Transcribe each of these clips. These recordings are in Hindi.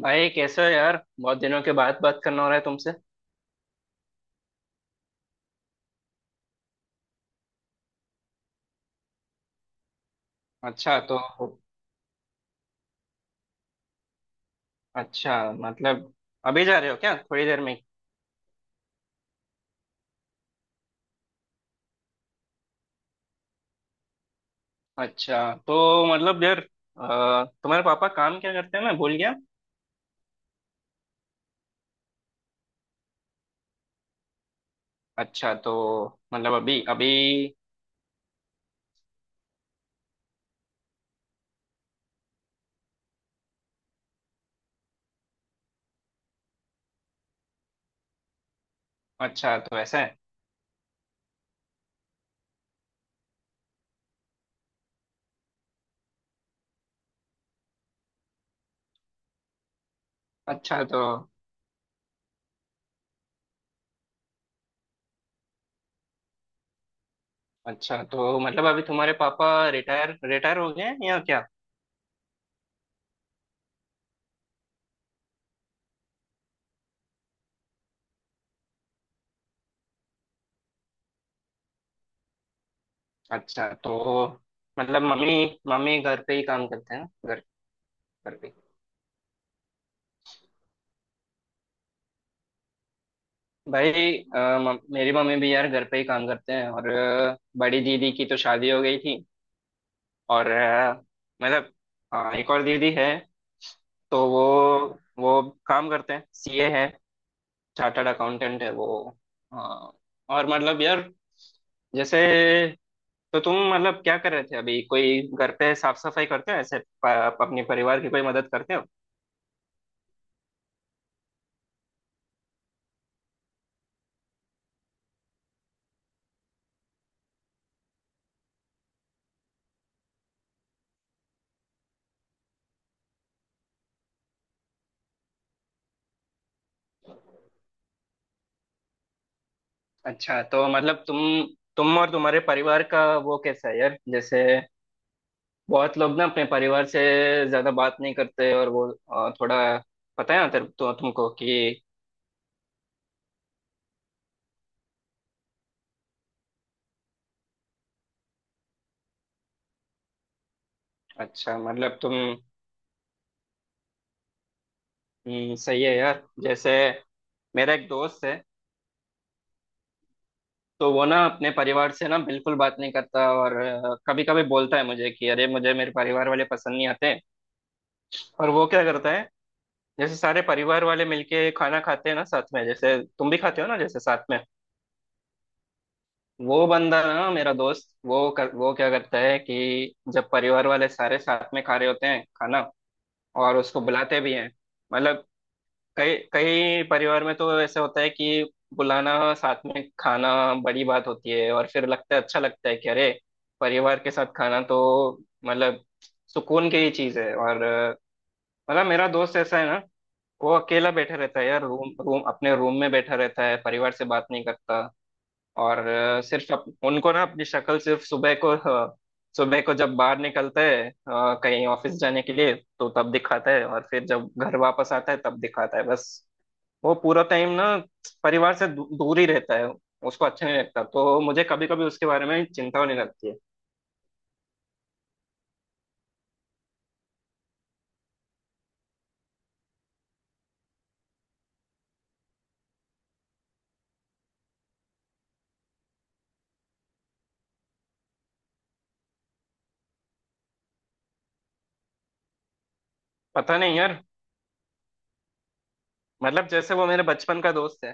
भाई कैसे हो यार? बहुत दिनों के बाद बात करना हो रहा है तुमसे। अच्छा तो। अच्छा मतलब अभी जा रहे हो क्या थोड़ी देर में? अच्छा तो मतलब यार, तुम्हारे पापा काम क्या करते हैं, मैं भूल गया। अच्छा तो मतलब अभी अभी? अच्छा तो ऐसा है। अच्छा तो। अच्छा तो मतलब अभी तुम्हारे पापा रिटायर रिटायर हो गए हैं या क्या? अच्छा तो मतलब मम्मी मम्मी घर पे ही काम करते हैं ना? घर घर पे। भाई अ, मेरी मम्मी भी यार घर पे ही काम करते हैं, और बड़ी दीदी की तो शादी हो गई थी। और मतलब एक और दीदी है। तो वो काम करते हैं, सीए है, चार्टर्ड अकाउंटेंट है वो। अ, और मतलब यार जैसे, तो तुम मतलब क्या कर रहे थे अभी? कोई घर पे साफ सफाई करते हो ऐसे, अपने परिवार की कोई मदद करते हो? अच्छा तो मतलब तुम और तुम्हारे परिवार का वो कैसा है यार? जैसे बहुत लोग ना अपने परिवार से ज्यादा बात नहीं करते, और वो थोड़ा, पता है ना तेरे, तो तुमको कि। अच्छा मतलब तुम, सही है यार। जैसे मेरा एक दोस्त है, तो वो ना अपने परिवार से ना बिल्कुल बात नहीं करता, और कभी कभी बोलता है मुझे कि अरे, मुझे मेरे परिवार वाले पसंद नहीं आते। और वो क्या करता है? जैसे सारे परिवार वाले मिलके खाना खाते हैं ना साथ में, जैसे तुम भी खाते हो ना जैसे साथ में। वो बंदा ना मेरा दोस्त, वो क्या करता है कि जब परिवार वाले सारे साथ में खा रहे होते हैं खाना, और उसको बुलाते भी हैं, मतलब कई कई परिवार में तो ऐसे होता है कि बुलाना साथ में खाना बड़ी बात होती है, और फिर लगता है अच्छा लगता है कि अरे, परिवार के साथ खाना तो मतलब सुकून की ही चीज है। और मतलब मेरा दोस्त ऐसा है ना, वो अकेला बैठा रहता है यार, रूम रूम अपने रूम में बैठा रहता है, परिवार से बात नहीं करता। और सिर्फ उनको ना अपनी शक्ल सिर्फ सुबह को, सुबह को जब बाहर निकलता है कहीं ऑफिस जाने के लिए, तो तब दिखाता है, और फिर जब घर वापस आता है तब दिखाता है बस। वो पूरा टाइम ना परिवार से दूर ही रहता है, उसको अच्छा नहीं लगता, तो मुझे कभी कभी उसके बारे में चिंता होने लगती है। पता नहीं यार, मतलब जैसे वो मेरे बचपन का दोस्त है,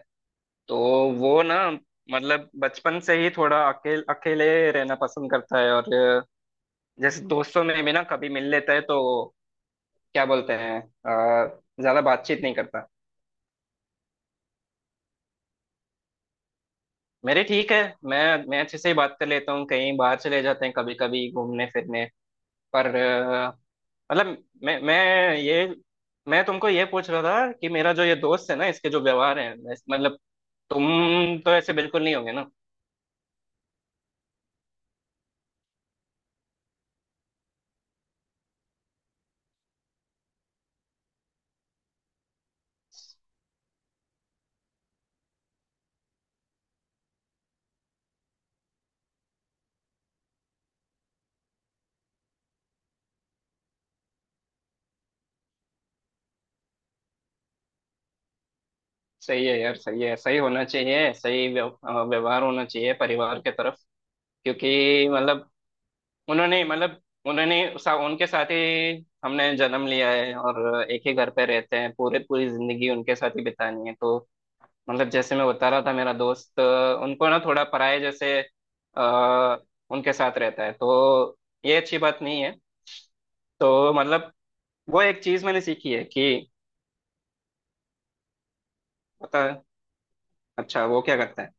तो वो ना मतलब बचपन से ही थोड़ा अकेले अकेले रहना पसंद करता है, और जैसे दोस्तों में भी ना कभी मिल लेता है तो क्या बोलते हैं, ज्यादा बातचीत नहीं करता। मेरे ठीक है, मैं मैं अच्छे से ही बात कर लेता हूँ, कहीं बाहर चले जाते हैं कभी कभी घूमने फिरने। पर मतलब ये मैं तुमको ये पूछ रहा था कि मेरा जो ये दोस्त है ना, इसके जो व्यवहार है, मतलब तुम तो ऐसे बिल्कुल नहीं होगे ना। सही है यार, सही है, सही होना चाहिए, सही व्यवहार होना चाहिए परिवार के तरफ, क्योंकि मतलब उन्होंने, मतलब उन्होंने उनके साथ ही हमने जन्म लिया है और एक ही घर पे रहते हैं, पूरे पूरी जिंदगी उनके साथ ही बितानी है, तो। मतलब जैसे मैं बता रहा था मेरा दोस्त, उनको ना थोड़ा पराये जैसे आ, उनके साथ रहता है, तो ये अच्छी बात नहीं है। तो मतलब वो एक चीज मैंने सीखी है कि, पता। अच्छा, वो क्या करता है?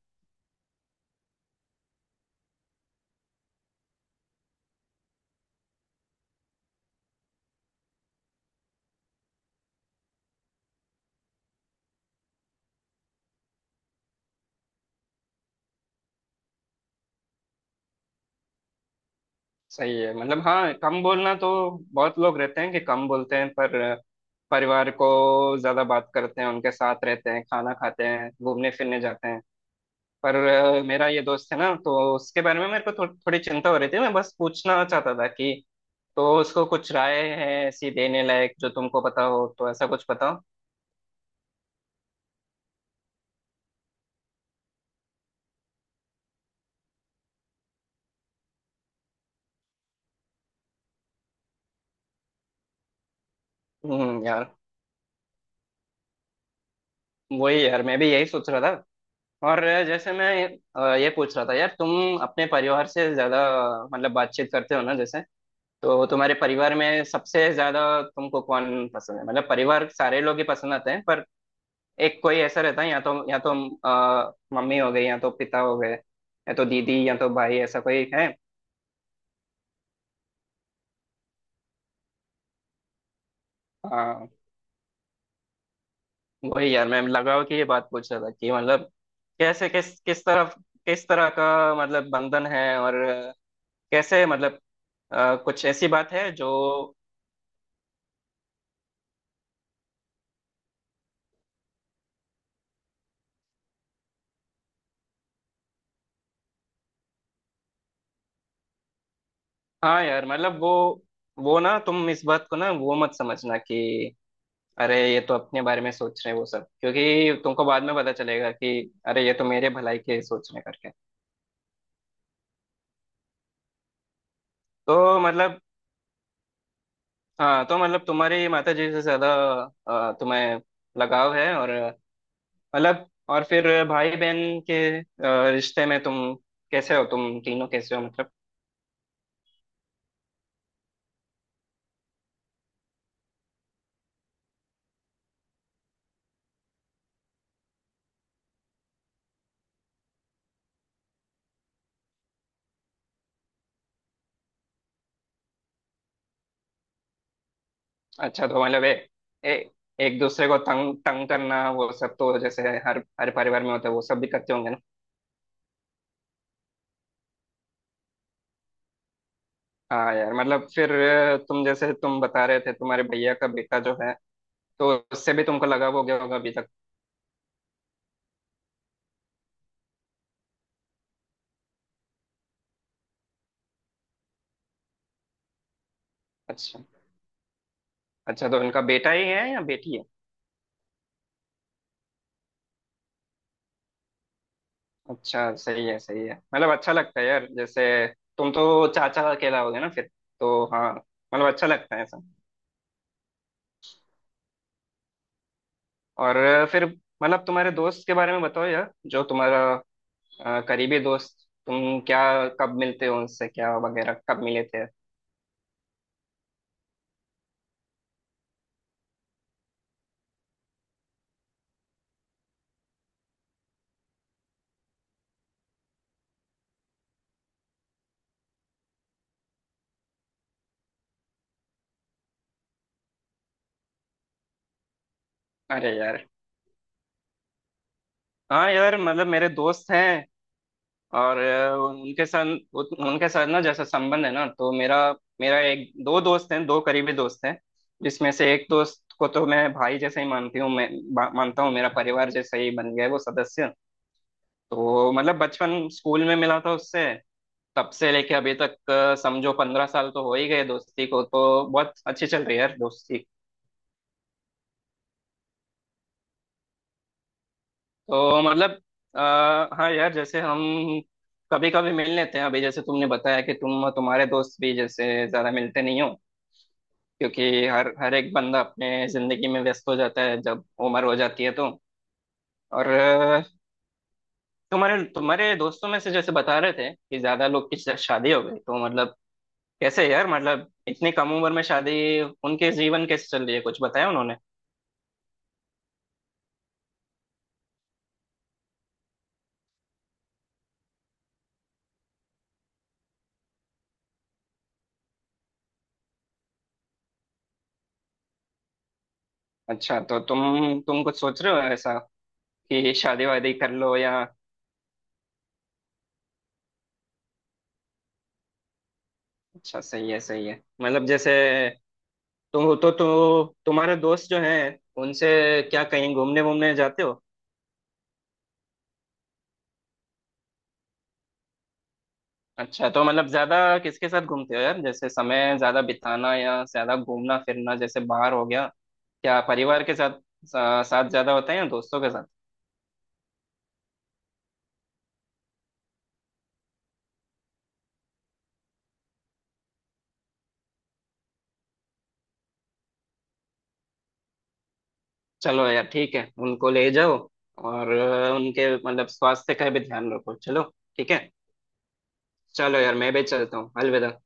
सही है मतलब। हाँ, कम बोलना तो बहुत लोग रहते हैं कि कम बोलते हैं, पर परिवार को ज्यादा बात करते हैं, उनके साथ रहते हैं, खाना खाते हैं, घूमने फिरने जाते हैं। पर मेरा ये दोस्त है ना, तो उसके बारे में मेरे को थोड़ी चिंता हो रही थी, मैं बस पूछना चाहता था कि तो उसको कुछ राय है ऐसी देने लायक जो तुमको पता हो, तो ऐसा कुछ बताओ। यार, वही यार, मैं भी यही सोच रहा था। और जैसे मैं ये पूछ रहा था यार, तुम अपने परिवार से ज्यादा मतलब बातचीत करते हो ना, जैसे तो तुम्हारे परिवार में सबसे ज्यादा तुमको कौन पसंद है? मतलब परिवार सारे लोग ही पसंद आते हैं, पर एक कोई ऐसा रहता है, या तो मम्मी हो गई, या तो पिता हो गए, या तो दीदी, या तो भाई, ऐसा कोई है? आ, वही यार, मैं लगाव की ये बात पूछ रहा था कि मतलब कैसे, किस किस तरफ, किस तरह का मतलब बंधन है, और कैसे मतलब कुछ ऐसी बात है जो। हाँ यार मतलब वो ना, तुम इस बात को ना वो मत समझना कि अरे, ये तो अपने बारे में सोच रहे हैं वो सब, क्योंकि तुमको बाद में पता चलेगा कि अरे, ये तो मेरे भलाई के सोच रहे हैं करके। तो मतलब हाँ, तो मतलब तुम्हारी माता जी से ज्यादा तुम्हें लगाव है। और मतलब, और फिर भाई बहन के रिश्ते में तुम कैसे हो? तुम तीनों कैसे हो मतलब? अच्छा तो मतलब ए, ए, एक दूसरे को तंग तंग करना वो सब तो जैसे हर हर परिवार में होता है, वो सब भी करते होंगे ना? हाँ यार, मतलब फिर तुम, जैसे तुम बता रहे थे तुम्हारे भैया का बेटा जो है, तो उससे भी तुमको लगा हो गया होगा अभी तक। अच्छा। अच्छा तो उनका बेटा ही है या बेटी है? अच्छा, सही है सही है, मतलब अच्छा लगता है यार जैसे, तुम तो चाचा अकेला हो गए ना फिर, तो हाँ, मतलब अच्छा लगता है ऐसा। और फिर मतलब तुम्हारे दोस्त के बारे में बताओ यार, जो तुम्हारा करीबी दोस्त, तुम क्या, कब मिलते हो उनसे, क्या वगैरह, कब मिले थे? अरे यार, हाँ यार मतलब मेरे दोस्त हैं, और उनके साथ, उनके साथ ना जैसा संबंध है ना, तो मेरा मेरा एक दो दोस्त हैं, दो करीबी दोस्त हैं, जिसमें से एक दोस्त को तो मैं भाई जैसे ही मानती हूँ, मैं मानता हूँ, मेरा परिवार जैसा ही बन गया है वो सदस्य। तो मतलब बचपन स्कूल में मिला था उससे, तब से लेके अभी तक, समझो 15 साल तो हो ही गए दोस्ती को, तो बहुत अच्छी चल रही है यार दोस्ती। तो मतलब हाँ यार, जैसे हम कभी कभी मिल लेते हैं, अभी जैसे तुमने बताया कि तुम, तुम्हारे दोस्त भी जैसे ज्यादा मिलते नहीं हो, क्योंकि हर हर एक बंदा अपने जिंदगी में व्यस्त हो जाता है जब उम्र हो जाती है तो। और तुम्हारे तुम्हारे दोस्तों में से जैसे बता रहे थे कि ज्यादा लोग की शादी हो गई, तो मतलब कैसे यार, मतलब इतनी कम उम्र में शादी, उनके जीवन कैसे चल रही है, कुछ बताया उन्होंने? अच्छा तो तुम कुछ सोच रहे हो ऐसा कि शादी वादी कर लो या? अच्छा सही है सही है, मतलब जैसे तुम, तो तुम्हारे दोस्त जो हैं उनसे क्या कहीं घूमने वूमने जाते हो? अच्छा तो मतलब ज्यादा किसके साथ घूमते हो यार? जैसे समय ज्यादा बिताना या ज्यादा घूमना फिरना जैसे बाहर हो गया, क्या परिवार के साथ, साथ ज्यादा होता है या दोस्तों के साथ? चलो यार ठीक है, उनको ले जाओ। और उनके मतलब स्वास्थ्य का भी ध्यान रखो, चलो, ठीक है। चलो यार, मैं भी चलता हूँ, अलविदा।